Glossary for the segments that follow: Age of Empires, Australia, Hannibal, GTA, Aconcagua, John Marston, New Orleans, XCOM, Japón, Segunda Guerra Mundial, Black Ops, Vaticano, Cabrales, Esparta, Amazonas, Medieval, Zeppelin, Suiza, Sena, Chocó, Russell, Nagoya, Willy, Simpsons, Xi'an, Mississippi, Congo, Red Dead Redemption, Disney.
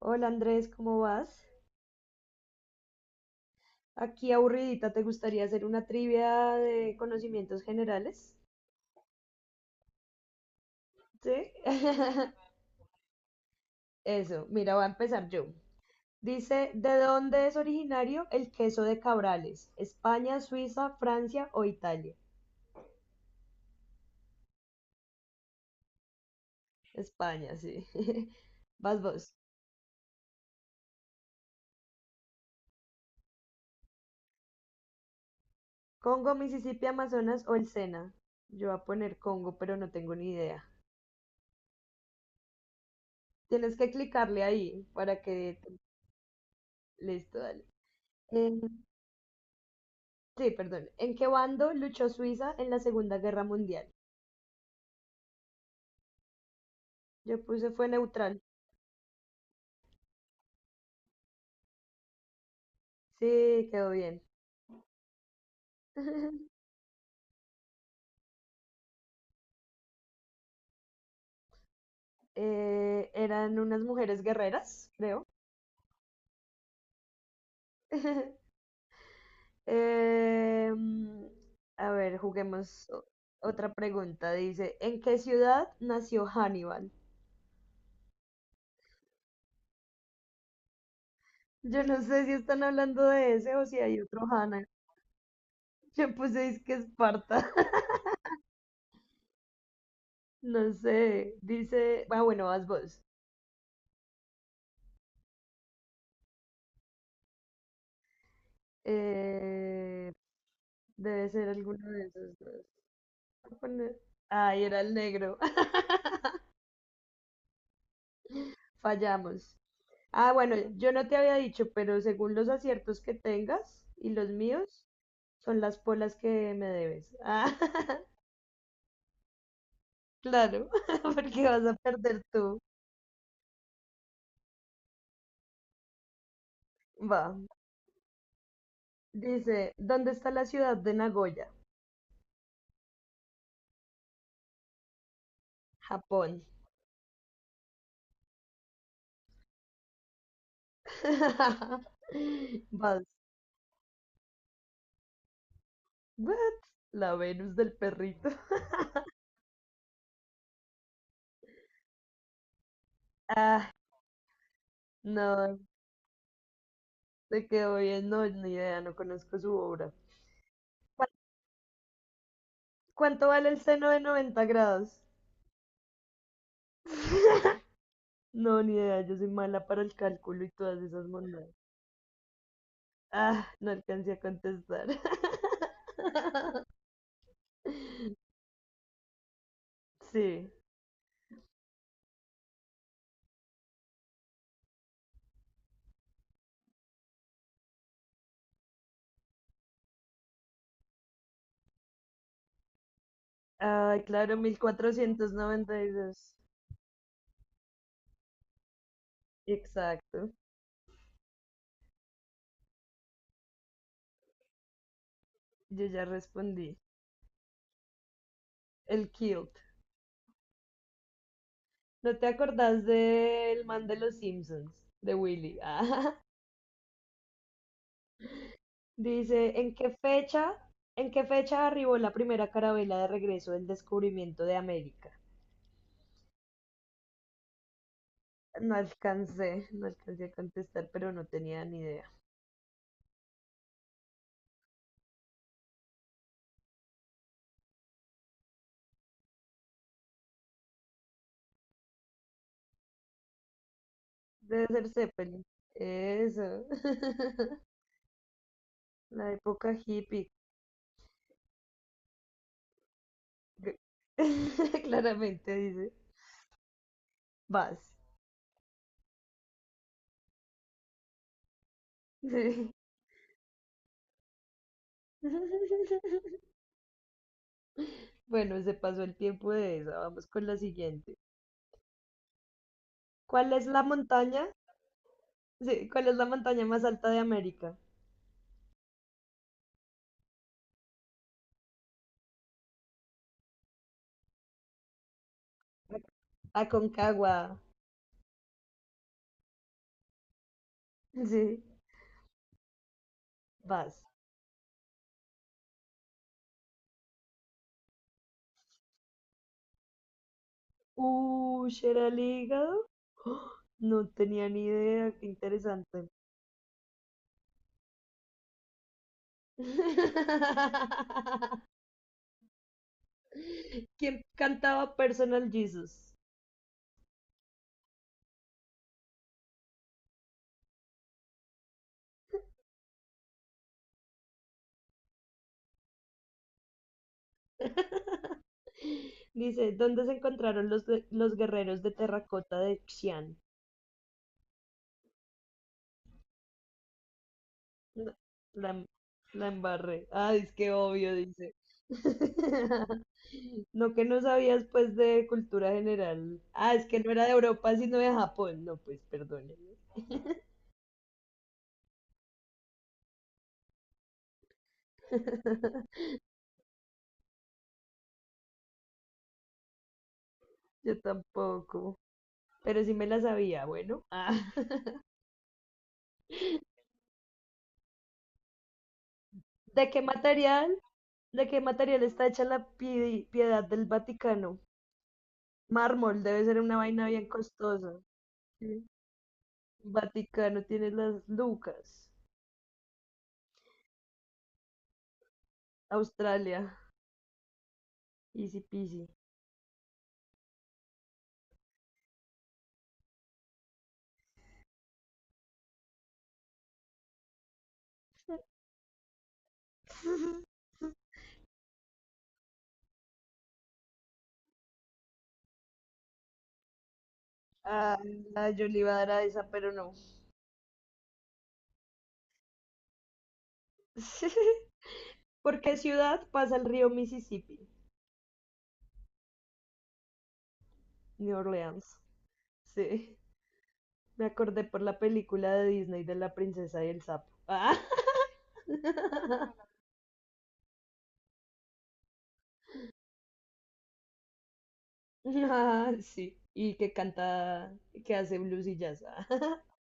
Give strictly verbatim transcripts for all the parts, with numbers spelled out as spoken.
Hola Andrés, ¿cómo vas? Aquí aburridita, ¿te gustaría hacer una trivia de conocimientos generales? ¿Sí? Eso, mira, voy a empezar yo. Dice, ¿de dónde es originario el queso de Cabrales? ¿España, Suiza, Francia o Italia? España, sí. Vas vos. ¿Congo, Mississippi, Amazonas o el Sena? Yo voy a poner Congo, pero no tengo ni idea. Tienes que clicarle ahí para que... Listo, dale. Eh, Sí, perdón. ¿En qué bando luchó Suiza en la Segunda Guerra Mundial? Yo puse fue neutral. Sí, quedó bien. Eh, eran unas mujeres guerreras, creo. Em, a ver, juguemos o- otra pregunta. Dice, ¿en qué ciudad nació Hannibal? Yo no sé si están hablando de ese o si hay otro Hannah. Yo puse es que Esparta. No sé. Dice, ah, bueno, vas vos. Eh, Debe ser alguno de esos dos. Voy a poner- Ay, era el negro. Fallamos. Ah, bueno, yo no te había dicho, pero según los aciertos que tengas y los míos, son las polas que me debes. Ah, claro, porque vas a perder tú. Va. Dice, ¿dónde está la ciudad de Nagoya? Japón. Vas. What? La Venus del perrito. Ah, no, te quedó bien. No, ni idea, no conozco su obra. ¿Cuánto vale el seno de noventa grados? No, ni idea, yo soy mala para el cálculo y todas esas monedas. Ah, no alcancé a contestar. Sí. Ay, claro, mil cuatrocientos noventa y dos. Exacto. Yo ya respondí. El kilt. ¿No te acordás del man de los Simpsons? De Willy. Ah, dice, ¿en qué fecha, ¿en qué fecha arribó la primera carabela de regreso del descubrimiento de América? No alcancé, no alcancé a contestar, pero no tenía ni idea. Debe ser Zeppelin. Eso. La época hippie. G- Claramente dice. Vas. Sí. Bueno, se pasó el tiempo de esa. Vamos con la siguiente. ¿Cuál es la montaña? Sí, ¿cuál es la montaña más alta de América? Aconcagua. Sí, vas. Uy, ¿era el hígado? ¡Oh! No tenía ni idea, qué interesante. ¿Quién cantaba Personal Jesus? Dice, ¿dónde se encontraron los, de- los guerreros de terracota de Xi'an? No, La, em- la embarré. Ah, es que obvio, dice. No que no sabías pues de cultura general. Ah, es que no era de Europa, sino de Japón. No, pues perdónenme. Yo tampoco. Pero sí me la sabía, bueno. Ah. ¿De qué material, ¿de qué material está hecha la pi- piedad del Vaticano? Mármol, debe ser una vaina bien costosa. Sí. Vaticano tiene las lucas. Australia, easy peasy. Ah, ah, yo le iba a dar a esa, pero no. ¿Por qué ciudad pasa el río Mississippi? New Orleans. Sí, me acordé por la película de Disney de la princesa y el sapo. Ah. Ah, sí. Y que canta, que hace blues y jazz.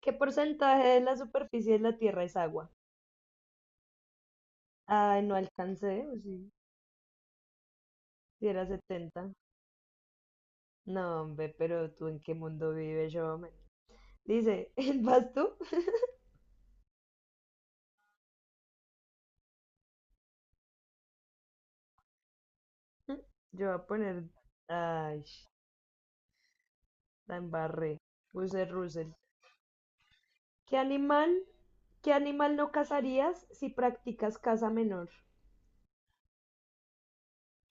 ¿Qué porcentaje de la superficie de la Tierra es agua? Ay, no alcancé, o sí, si era setenta. No, hombre, ¿pero tú en qué mundo vives, yo, hombre? Dice, ¿vas tú? Yo voy a poner, ay, sh- la embarré. Puse Russell. ¿Qué animal, ¿qué animal no cazarías si practicas caza menor?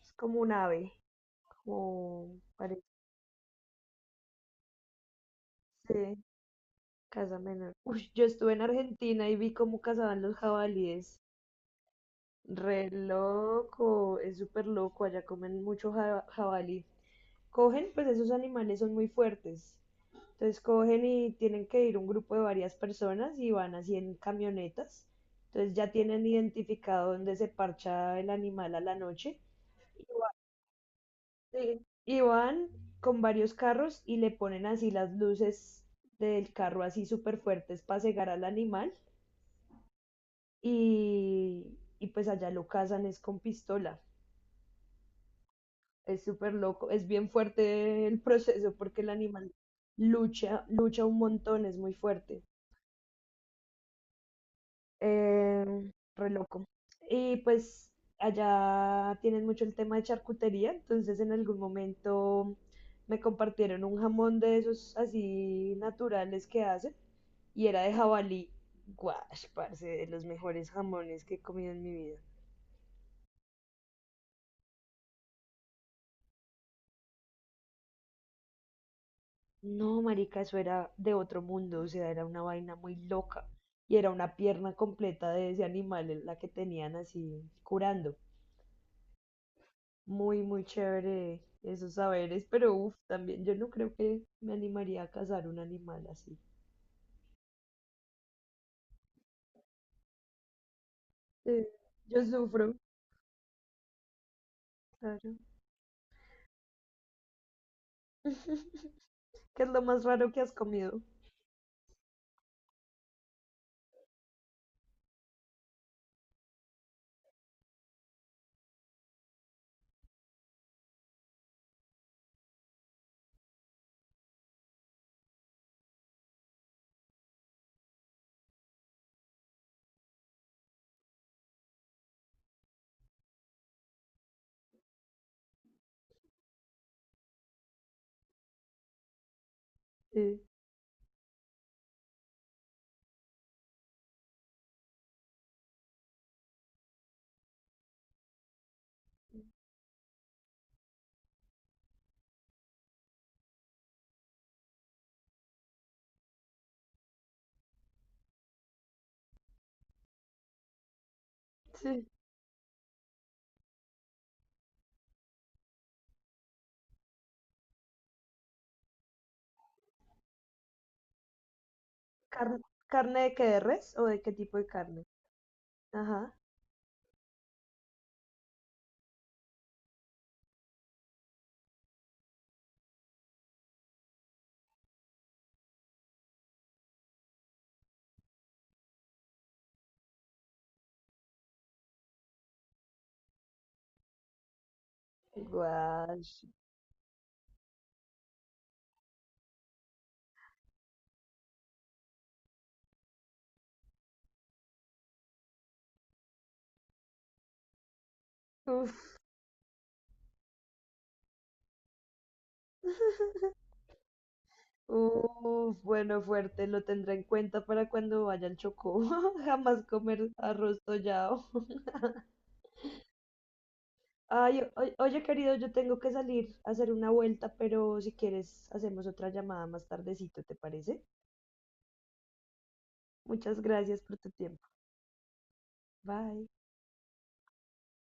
Es como un ave, como parece. Caza menor. Uy, yo estuve en Argentina y vi cómo cazaban los jabalíes. Re loco, es súper loco. Allá comen mucho ja- jabalí. Cogen, pues esos animales son muy fuertes. Entonces cogen y tienen que ir un grupo de varias personas y van así en camionetas. Entonces ya tienen identificado dónde se parcha el animal a la noche. Sí. Y van con varios carros y le ponen así las luces del carro así súper fuertes para cegar al animal y, y pues allá lo cazan es con pistola. Es súper loco, es bien fuerte el proceso porque el animal lucha, lucha un montón, es muy fuerte. Eh, re loco. Y pues allá tienen mucho el tema de charcutería, entonces en algún momento me compartieron un jamón de esos así naturales que hacen y era de jabalí. Guash, parce, de los mejores jamones que he comido en mi vida. No, marica, eso era de otro mundo, o sea, era una vaina muy loca. Y era una pierna completa de ese animal en la que tenían así curando. Muy, muy chévere esos saberes, pero uff, también yo no creo que me animaría a cazar un animal así. Sí, yo sufro, claro. ¿Qué es lo más raro que has comido? Sí, sí. Car- ¿Carne de qué, de res o de qué tipo de carne? Ajá. Guau. Uf. Uf, bueno, fuerte, lo tendré en cuenta para cuando vaya al Chocó. Jamás comer arroz tollado. Ay, o- oye, querido, yo tengo que salir a hacer una vuelta, pero si quieres, hacemos otra llamada más tardecito, ¿te parece? Muchas gracias por tu tiempo. Bye.